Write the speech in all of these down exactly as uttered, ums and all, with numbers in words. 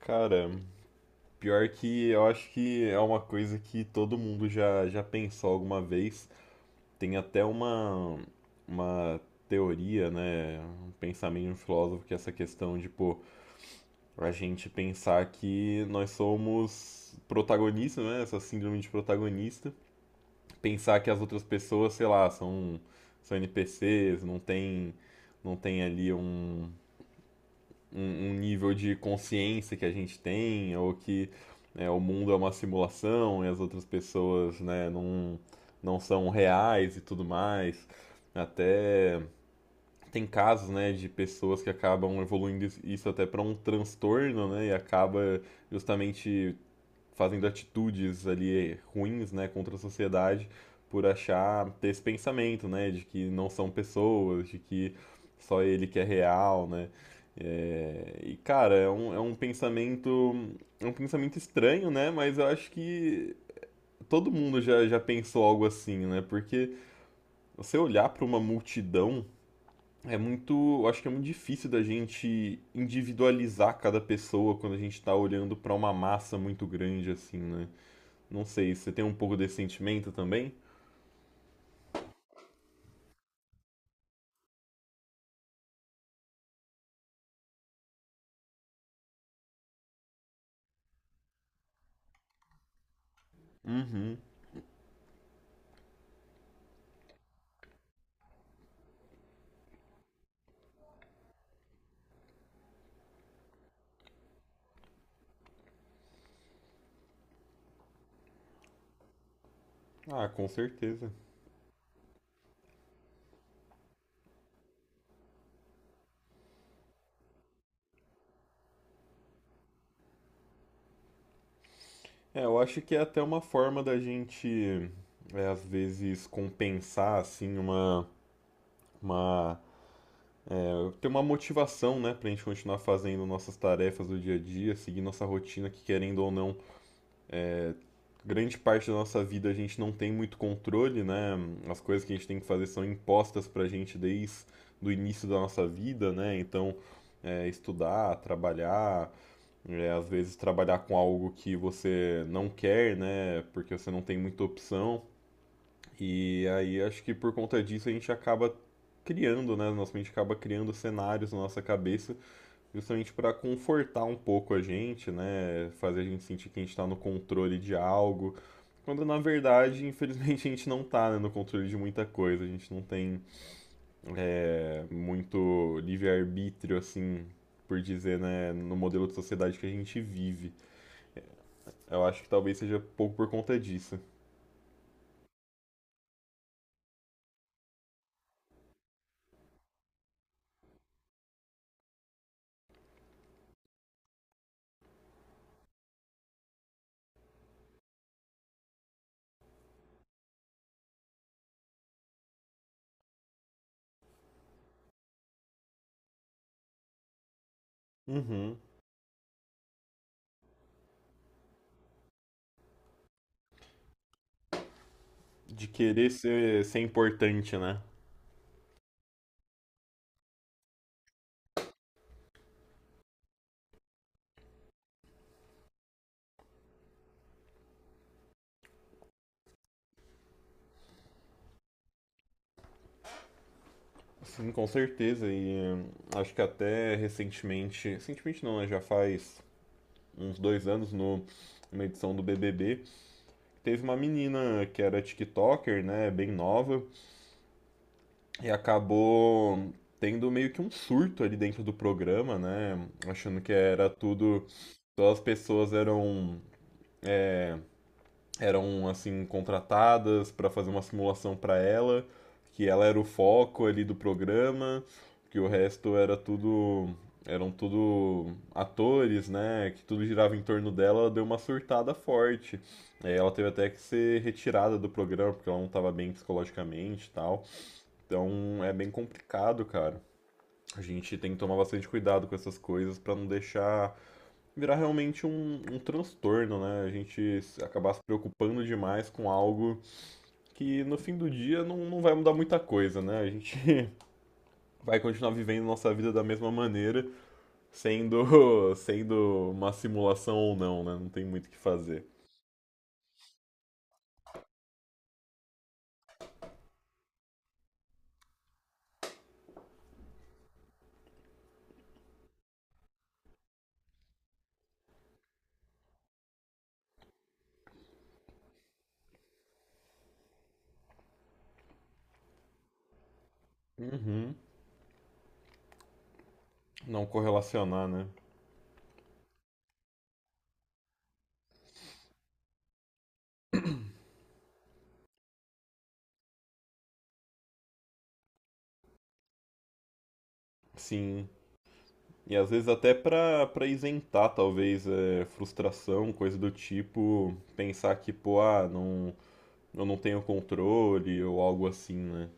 Cara, pior que eu acho que é uma coisa que todo mundo já, já pensou alguma vez. Tem até uma, uma teoria, né? Um pensamento de um filósofo que é essa questão de, pô, a gente pensar que nós somos protagonistas, né? Essa síndrome de protagonista. Pensar que as outras pessoas, sei lá, são, são N P Cs, não tem, não tem ali um um, um nível de consciência que a gente tem, ou que né, o mundo é uma simulação e as outras pessoas né, não, não são reais e tudo mais. Até tem casos né, de pessoas que acabam evoluindo isso até para um transtorno né, e acaba justamente fazendo atitudes ali ruins, né, contra a sociedade por achar ter esse pensamento, né, de que não são pessoas, de que só ele que é real, né? É, e cara, é um, é um pensamento é um pensamento estranho, né? Mas eu acho que todo mundo já, já pensou algo assim, né? Porque você olhar para uma multidão é muito, eu acho que é muito difícil da gente individualizar cada pessoa quando a gente tá olhando para uma massa muito grande assim, né? Não sei, você tem um pouco desse sentimento também? Uhum. Ah, com certeza. É, eu acho que é até uma forma da gente, é, às vezes, compensar, assim, uma, uma... ter uma motivação, né, pra gente continuar fazendo nossas tarefas do dia a dia, seguir nossa rotina, que querendo ou não, grande parte da nossa vida a gente não tem muito controle, né? As coisas que a gente tem que fazer são impostas pra gente desde do início da nossa vida, né? Então, é, estudar, trabalhar, é, às vezes trabalhar com algo que você não quer, né? Porque você não tem muita opção. E aí acho que por conta disso a gente acaba criando, né? Nossa mente acaba criando cenários na nossa cabeça, justamente para confortar um pouco a gente, né? Fazer a gente sentir que a gente está no controle de algo, quando na verdade, infelizmente, a gente não tá, né, no controle de muita coisa, a gente não tem é, muito livre-arbítrio, assim, por dizer, né, no modelo de sociedade que a gente vive. Eu acho que talvez seja pouco por conta disso. Uhum. De querer ser, ser importante, né? Sim, com certeza. E hum, acho que até recentemente, recentemente não, né? Já faz uns dois anos no, numa edição do B B B, teve uma menina que era TikToker, né? Bem nova, e acabou tendo meio que um surto ali dentro do programa, né? Achando que era tudo. Todas as pessoas eram eram assim contratadas para fazer uma simulação para ela, que ela era o foco ali do programa, que o resto era tudo eram tudo atores, né? Que tudo girava em torno dela, ela deu uma surtada forte. É, ela teve até que ser retirada do programa porque ela não estava bem psicologicamente e tal. Então é bem complicado, cara. A gente tem que tomar bastante cuidado com essas coisas para não deixar virar realmente um, um transtorno, né? A gente acabar se preocupando demais com algo que no fim do dia não, não vai mudar muita coisa, né? A gente vai continuar vivendo nossa vida da mesma maneira, sendo, sendo uma simulação ou não, né? Não tem muito o que fazer. Uhum. Não correlacionar, né? Sim. E às vezes até pra, pra isentar, talvez, é, frustração, coisa do tipo, pensar que, pô, ah, não, eu não tenho controle ou algo assim, né?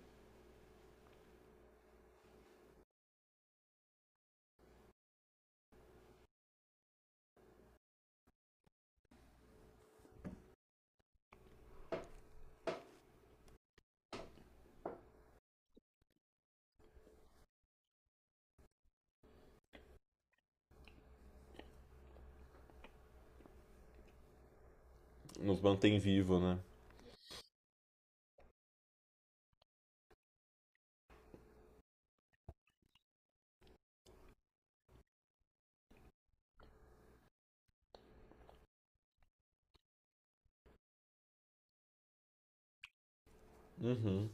Nos mantém vivo, né? Uhum.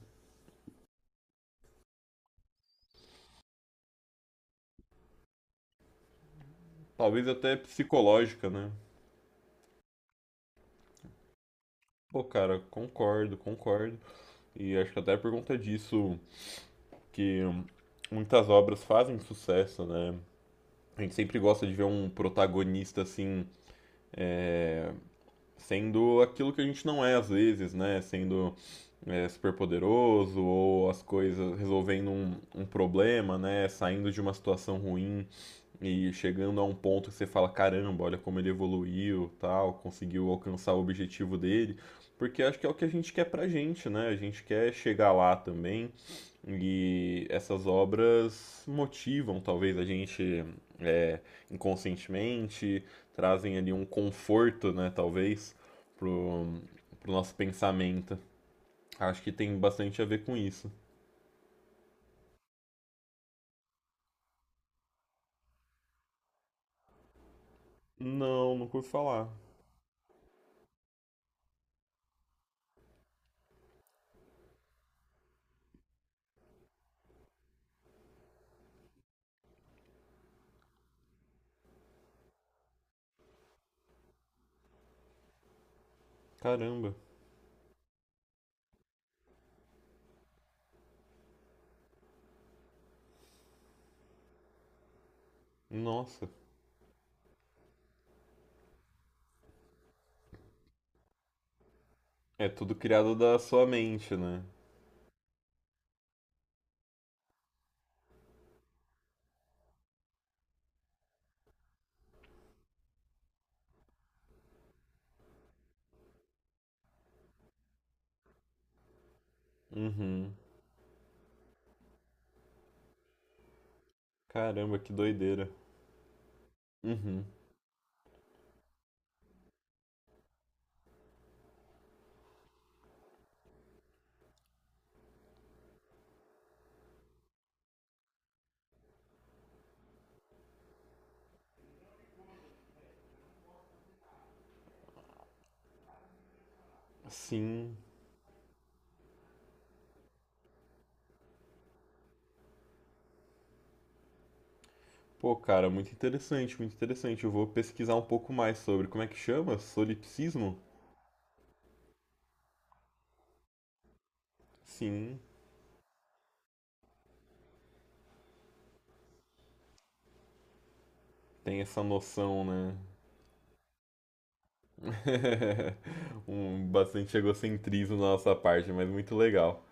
Talvez até psicológica, né? Pô, cara, concordo, concordo. E acho que até por conta disso que muitas obras fazem sucesso, né? A gente sempre gosta de ver um protagonista assim, sendo aquilo que a gente não é às vezes, né? Sendo é, super poderoso ou as coisas resolvendo um, um problema, né? Saindo de uma situação ruim e chegando a um ponto que você fala, caramba, olha como ele evoluiu, tal, conseguiu alcançar o objetivo dele, porque acho que é o que a gente quer pra gente, né? A gente quer chegar lá também. E essas obras motivam, talvez, a gente é, inconscientemente, trazem ali um conforto, né, talvez, pro, pro nosso pensamento. Acho que tem bastante a ver com isso. Não, não curto falar. Caramba. Nossa. É tudo criado da sua mente, né? Uhum. Caramba, que doideira. Uhum. Sim. Pô, cara, muito interessante, muito interessante. Eu vou pesquisar um pouco mais sobre. Como é que chama? Solipsismo? Sim, tem essa noção, né? Um bastante egocentrismo da nossa parte, mas muito legal.